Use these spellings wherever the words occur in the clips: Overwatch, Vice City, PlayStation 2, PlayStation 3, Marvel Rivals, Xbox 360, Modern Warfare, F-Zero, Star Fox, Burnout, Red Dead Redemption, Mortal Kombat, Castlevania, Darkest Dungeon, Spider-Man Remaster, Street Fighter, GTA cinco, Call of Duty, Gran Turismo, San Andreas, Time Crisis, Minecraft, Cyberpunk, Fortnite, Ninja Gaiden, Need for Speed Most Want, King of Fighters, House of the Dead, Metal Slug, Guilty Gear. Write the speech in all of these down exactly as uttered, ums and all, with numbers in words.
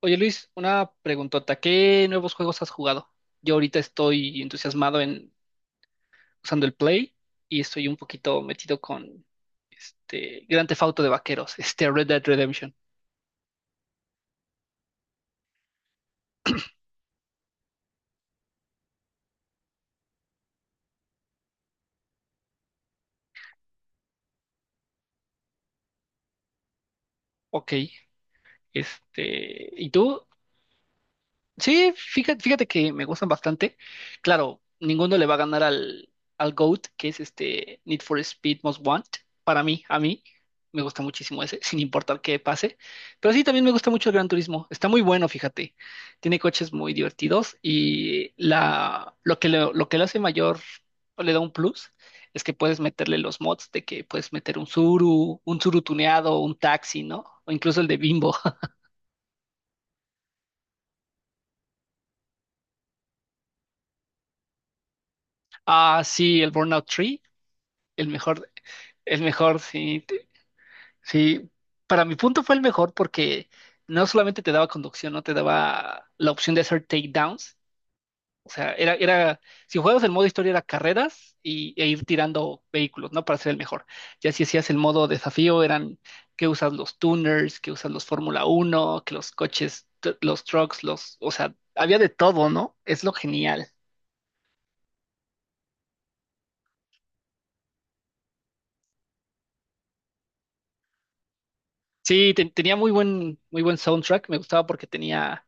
Oye Luis, una preguntota. ¿Qué nuevos juegos has jugado? Yo ahorita estoy entusiasmado en usando el Play y estoy un poquito metido con este Grand Theft Auto de vaqueros, este Red Dead Redemption. Ok, este, ¿y tú? Sí, fíjate, fíjate que me gustan bastante. Claro, ninguno le va a ganar al, al GOAT, que es este Need for Speed Most Want. Para mí, a mí, me gusta muchísimo ese, sin importar qué pase. Pero sí, también me gusta mucho el Gran Turismo. Está muy bueno, fíjate. Tiene coches muy divertidos y la, lo que lo, lo que le hace mayor o le da un plus es que puedes meterle los mods de que puedes meter un Zuru, un Zuru tuneado, un taxi, ¿no? O incluso el de Bimbo. Ah, sí, el Burnout Tree el mejor. El mejor, sí, te- sí. Para mi punto fue el mejor porque no solamente te daba conducción, no te daba la opción de hacer takedowns. O sea, era, era, si jugabas el modo historia era carreras y, e ir tirando vehículos, ¿no? Para ser el mejor. Ya si hacías el modo desafío eran que usas los tuners, que usas los Fórmula uno que los coches, t- los trucks, los, o sea, había de todo, ¿no? Es lo genial. Sí, te- tenía muy buen, muy buen soundtrack, me gustaba porque tenía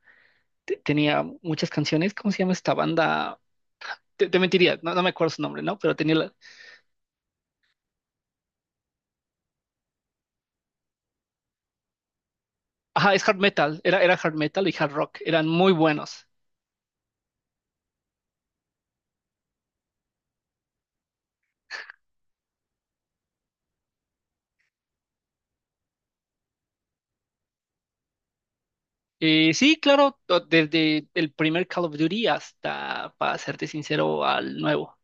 te- tenía muchas canciones. ¿Cómo se llama esta banda? Te, te mentiría, no, no me acuerdo su nombre, ¿no? Pero tenía la. Ajá, es hard metal, era, era hard metal y hard rock, eran muy buenos. Eh, sí, claro, to- desde el primer Call of Duty hasta, para serte sincero, al nuevo.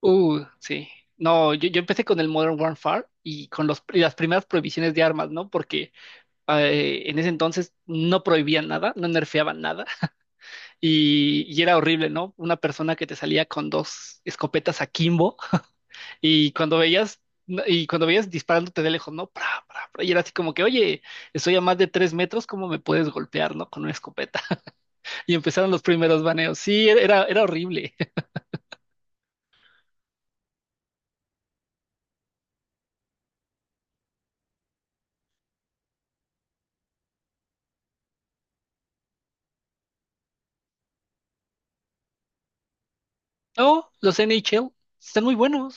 Uh, sí. No, yo, yo empecé con el Modern Warfare y con los, y las primeras prohibiciones de armas, ¿no? Porque eh, en ese entonces no prohibían nada, no nerfeaban nada y, y era horrible, ¿no? Una persona que te salía con dos escopetas a Kimbo. Y cuando veías, y cuando veías disparándote de lejos, ¿no? Pra, pra, pra, y era así como que, oye, estoy a más de tres metros, ¿cómo me puedes golpear, ¿no? Con una escopeta. Y empezaron los primeros baneos. Sí, era, era era horrible. No, los N H L están muy buenos.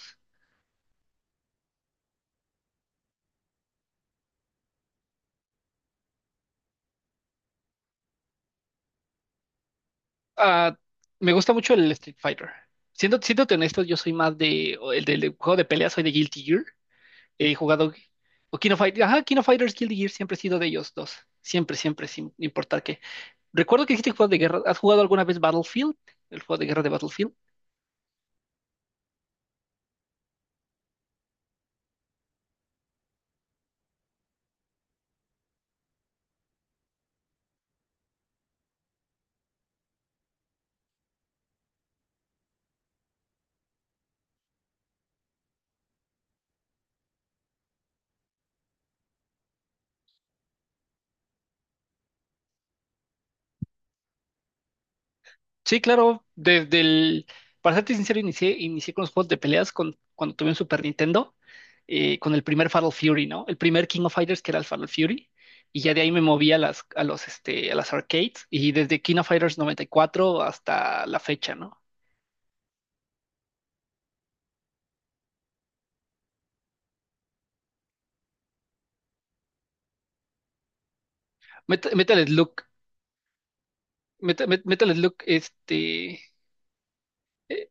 Ah, me gusta mucho el Street Fighter. Siendo, siéndote honesto, yo soy más de, o el del juego de pelea, soy de Guilty Gear. He jugado, o King of Fighters, ajá, King of Fighters, Guilty Gear, siempre he sido de ellos dos. Siempre, siempre, sin importar qué. Recuerdo que dijiste juegos de guerra. ¿Has jugado alguna vez Battlefield? El juego de guerra de Battlefield. Sí, claro. Desde el. Para serte sincero, inicié, inicié con los juegos de peleas con, cuando tuve un Super Nintendo, eh, con el primer Fatal Fury, ¿no? El primer King of Fighters que era el Fatal Fury. Y ya de ahí me moví a las, a los, este, a las arcades. Y desde King of Fighters noventa y cuatro hasta la fecha, ¿no? Met- Metal Slug. Meta- Met- Metal Slug, este. eh,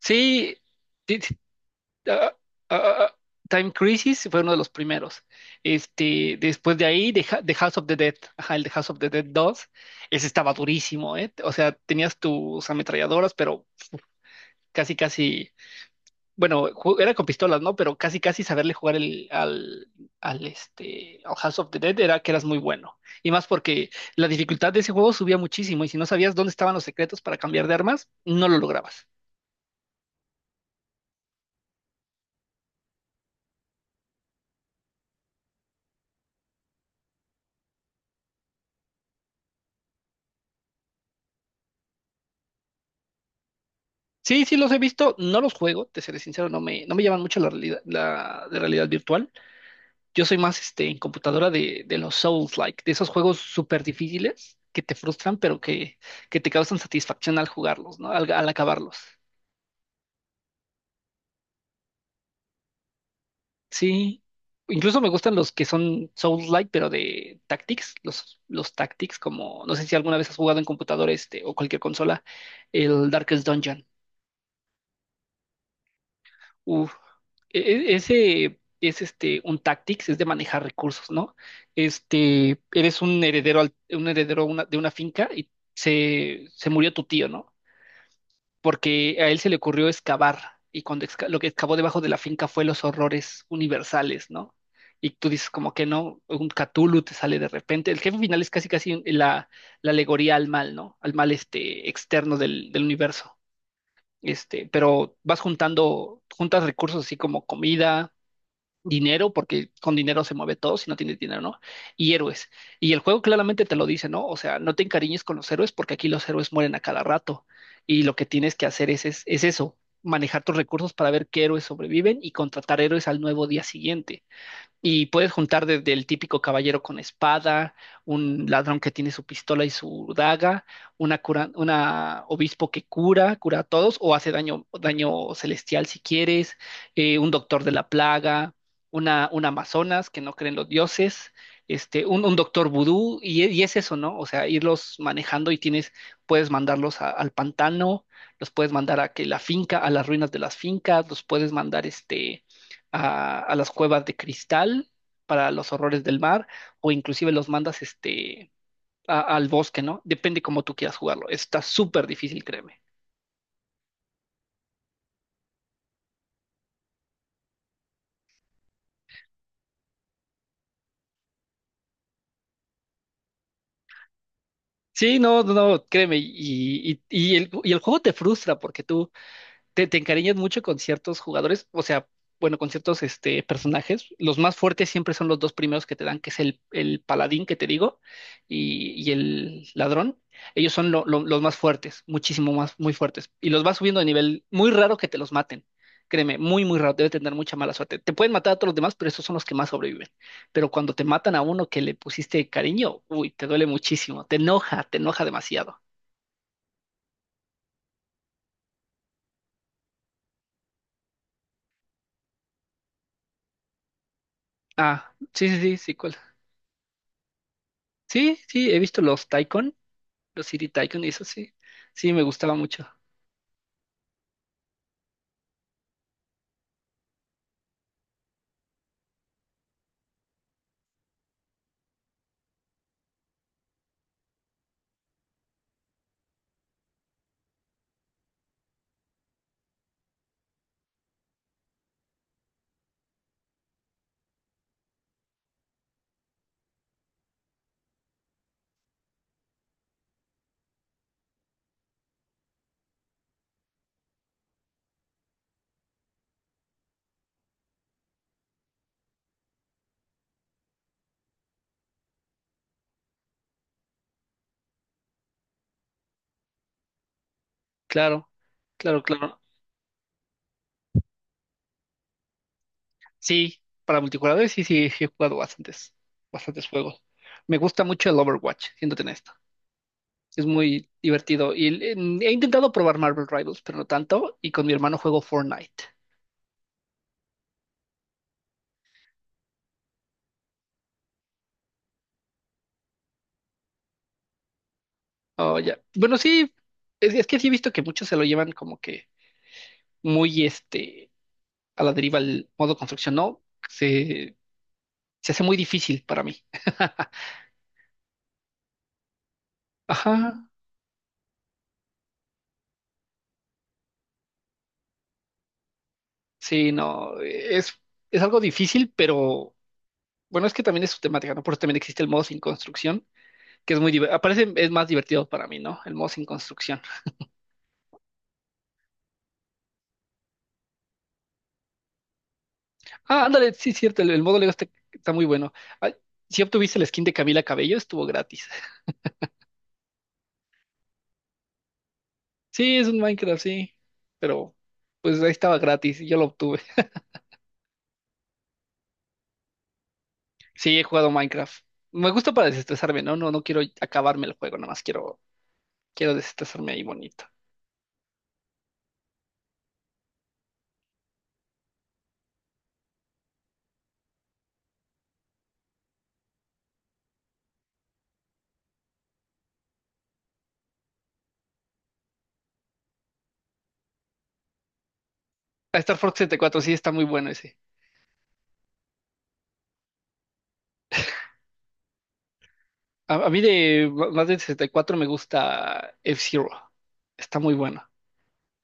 sí, ti- ah, ah, ah, ah, ah. Time Crisis fue uno de los primeros. Este, después de ahí, The, Ha- The House of the Dead, ajá, el The House of the Dead dos. Ese estaba durísimo, ¿eh? O sea, tenías tus ametralladoras, pero casi, casi, bueno, ju- era con pistolas, ¿no? Pero casi, casi saberle jugar el, al, al, este, al House of the Dead era que eras muy bueno. Y más porque la dificultad de ese juego subía muchísimo y si no sabías dónde estaban los secretos para cambiar de armas, no lo lograbas. Sí, sí los he visto, no los juego, te seré sincero, no me, no me llaman mucho la realidad, la de realidad virtual. Yo soy más este en computadora de, de los Souls-like, de esos juegos súper difíciles que te frustran, pero que, que te causan satisfacción al jugarlos, ¿no? Al, al acabarlos. Sí. Incluso me gustan los que son Souls-like, pero de Tactics, los, los Tactics, como no sé si alguna vez has jugado en computadora este o cualquier consola, el Darkest Dungeon. Uf, e- e- ese es este un tactics, es de manejar recursos, ¿no? Este, eres un heredero, al- un heredero una- de una finca y se, se murió tu tío, ¿no? Porque a él se le ocurrió excavar y cuando exca- lo que excavó debajo de la finca fue los horrores universales, ¿no? Y tú dices como que no, un Cthulhu te sale de repente. El jefe final es casi casi la, la alegoría al mal, ¿no? Al mal este externo del, del universo este, pero vas juntando, juntas recursos así como comida, dinero, porque con dinero se mueve todo si no tienes dinero, ¿no? Y héroes. Y el juego claramente te lo dice, ¿no? O sea, no te encariñes con los héroes porque aquí los héroes mueren a cada rato. Y lo que tienes que hacer es, es, es eso, manejar tus recursos para ver qué héroes sobreviven y contratar héroes al nuevo día siguiente. Y puedes juntar desde el típico caballero con espada, un ladrón que tiene su pistola y su daga, una cura, una obispo que cura, cura a todos, o hace daño, daño celestial si quieres, eh, un doctor de la plaga, una, un amazonas que no creen los dioses, este, un, un doctor vudú, y, e- y es eso, ¿no? O sea, irlos manejando y tienes, puedes mandarlos a- al pantano, los puedes mandar a que la finca, a las ruinas de las fincas, los puedes mandar este a, a las cuevas de cristal para los horrores del mar, o inclusive los mandas este, a- al bosque, ¿no? Depende cómo tú quieras jugarlo. Está súper difícil, créeme. Sí, no, no, no, créeme, y, y, y el, y el juego te frustra porque tú te, te encariñas mucho con ciertos jugadores, o sea, bueno, con ciertos este, personajes. Los más fuertes siempre son los dos primeros que te dan, que es el, el paladín que te digo y, y el ladrón. Ellos son lo- lo- los más fuertes, muchísimo más, muy fuertes. Y los vas subiendo de nivel, muy raro que te los maten. Créeme, muy, muy raro, debe tener mucha mala suerte. Te pueden matar a todos los demás, pero esos son los que más sobreviven. Pero cuando te matan a uno que le pusiste cariño, uy, te duele muchísimo, te enoja, te enoja demasiado. Ah, sí, sí, sí, sí, ¿cuál? Sí, sí, he visto los Taikon. Los City Tycoon, eso sí. Sí, me gustaba mucho. Claro, claro, claro. Sí, para multijugador sí, sí, sí he jugado bastantes, bastantes juegos. Me gusta mucho el Overwatch, siéndote en esto. Es muy divertido. Y el- en- he intentado probar Marvel Rivals, pero no tanto. Y con mi hermano juego Fortnite. Oh, ya. Bueno, sí, es, es que sí he visto que muchos se lo llevan como que muy este a la deriva el modo construcción. No, se, se hace muy difícil para mí. Ajá. Sí, no, es, es algo difícil, pero bueno, es que también es su temática, ¿no? Por eso también existe el modo sin construcción, que es muy divertido, aparece, es más divertido para mí, ¿no? El modo sin construcción. Ah, ándale, sí, es cierto, el, el modo Lego está, está muy bueno. Ah, si obtuviste el skin de Camila Cabello, estuvo gratis. Sí, es un Minecraft, sí, pero pues ahí estaba gratis y yo lo obtuve. Sí, he jugado Minecraft. Me gusta para desestresarme, ¿no? No, no quiero acabarme el juego, nada más quiero, quiero desestresarme ahí bonito. Ah, Star Fox setenta y cuatro sí, está muy bueno ese. A, a mí de más del sesenta y cuatro me gusta F-Zero. Está muy bueno.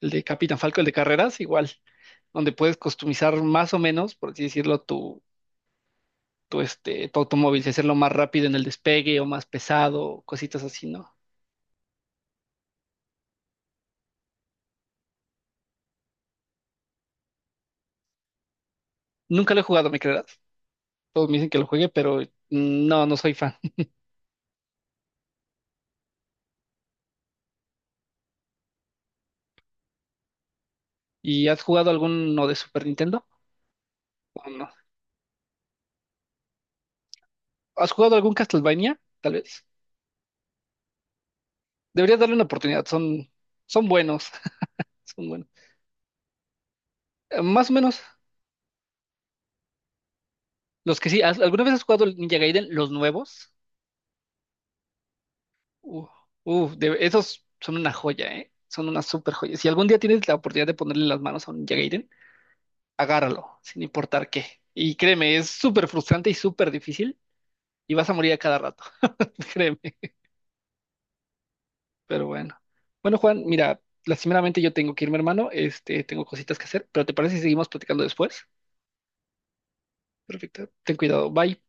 El de Capitán Falco, el de carreras, igual, donde puedes customizar más o menos, por así decirlo, tu, tu, este, tu automóvil, si hacerlo más rápido en el despegue o más pesado, cositas así, ¿no? Nunca lo he jugado, ¿me creerás? Todos me dicen que lo juegue, pero mm, no, no soy fan. ¿Y has jugado alguno de Super Nintendo? ¿O no? ¿Has jugado algún Castlevania? Tal vez. Deberías darle una oportunidad, son, son buenos, son buenos. Eh, Más o menos. Los que sí, ¿has- ¿alguna vez has jugado el Ninja Gaiden, los nuevos? Uf, uf, de- esos son una joya, ¿eh? Son una super joya. Si algún día tienes la oportunidad de ponerle las manos a un Ninja Gaiden, agárralo, sin importar qué. Y créeme, es súper frustrante y súper difícil, y vas a morir a cada rato, créeme. Pero bueno. Bueno, Juan, mira, lastimeramente yo tengo que irme, hermano. Este, tengo cositas que hacer, pero ¿te parece si seguimos platicando después? Perfecto, ten cuidado, bye.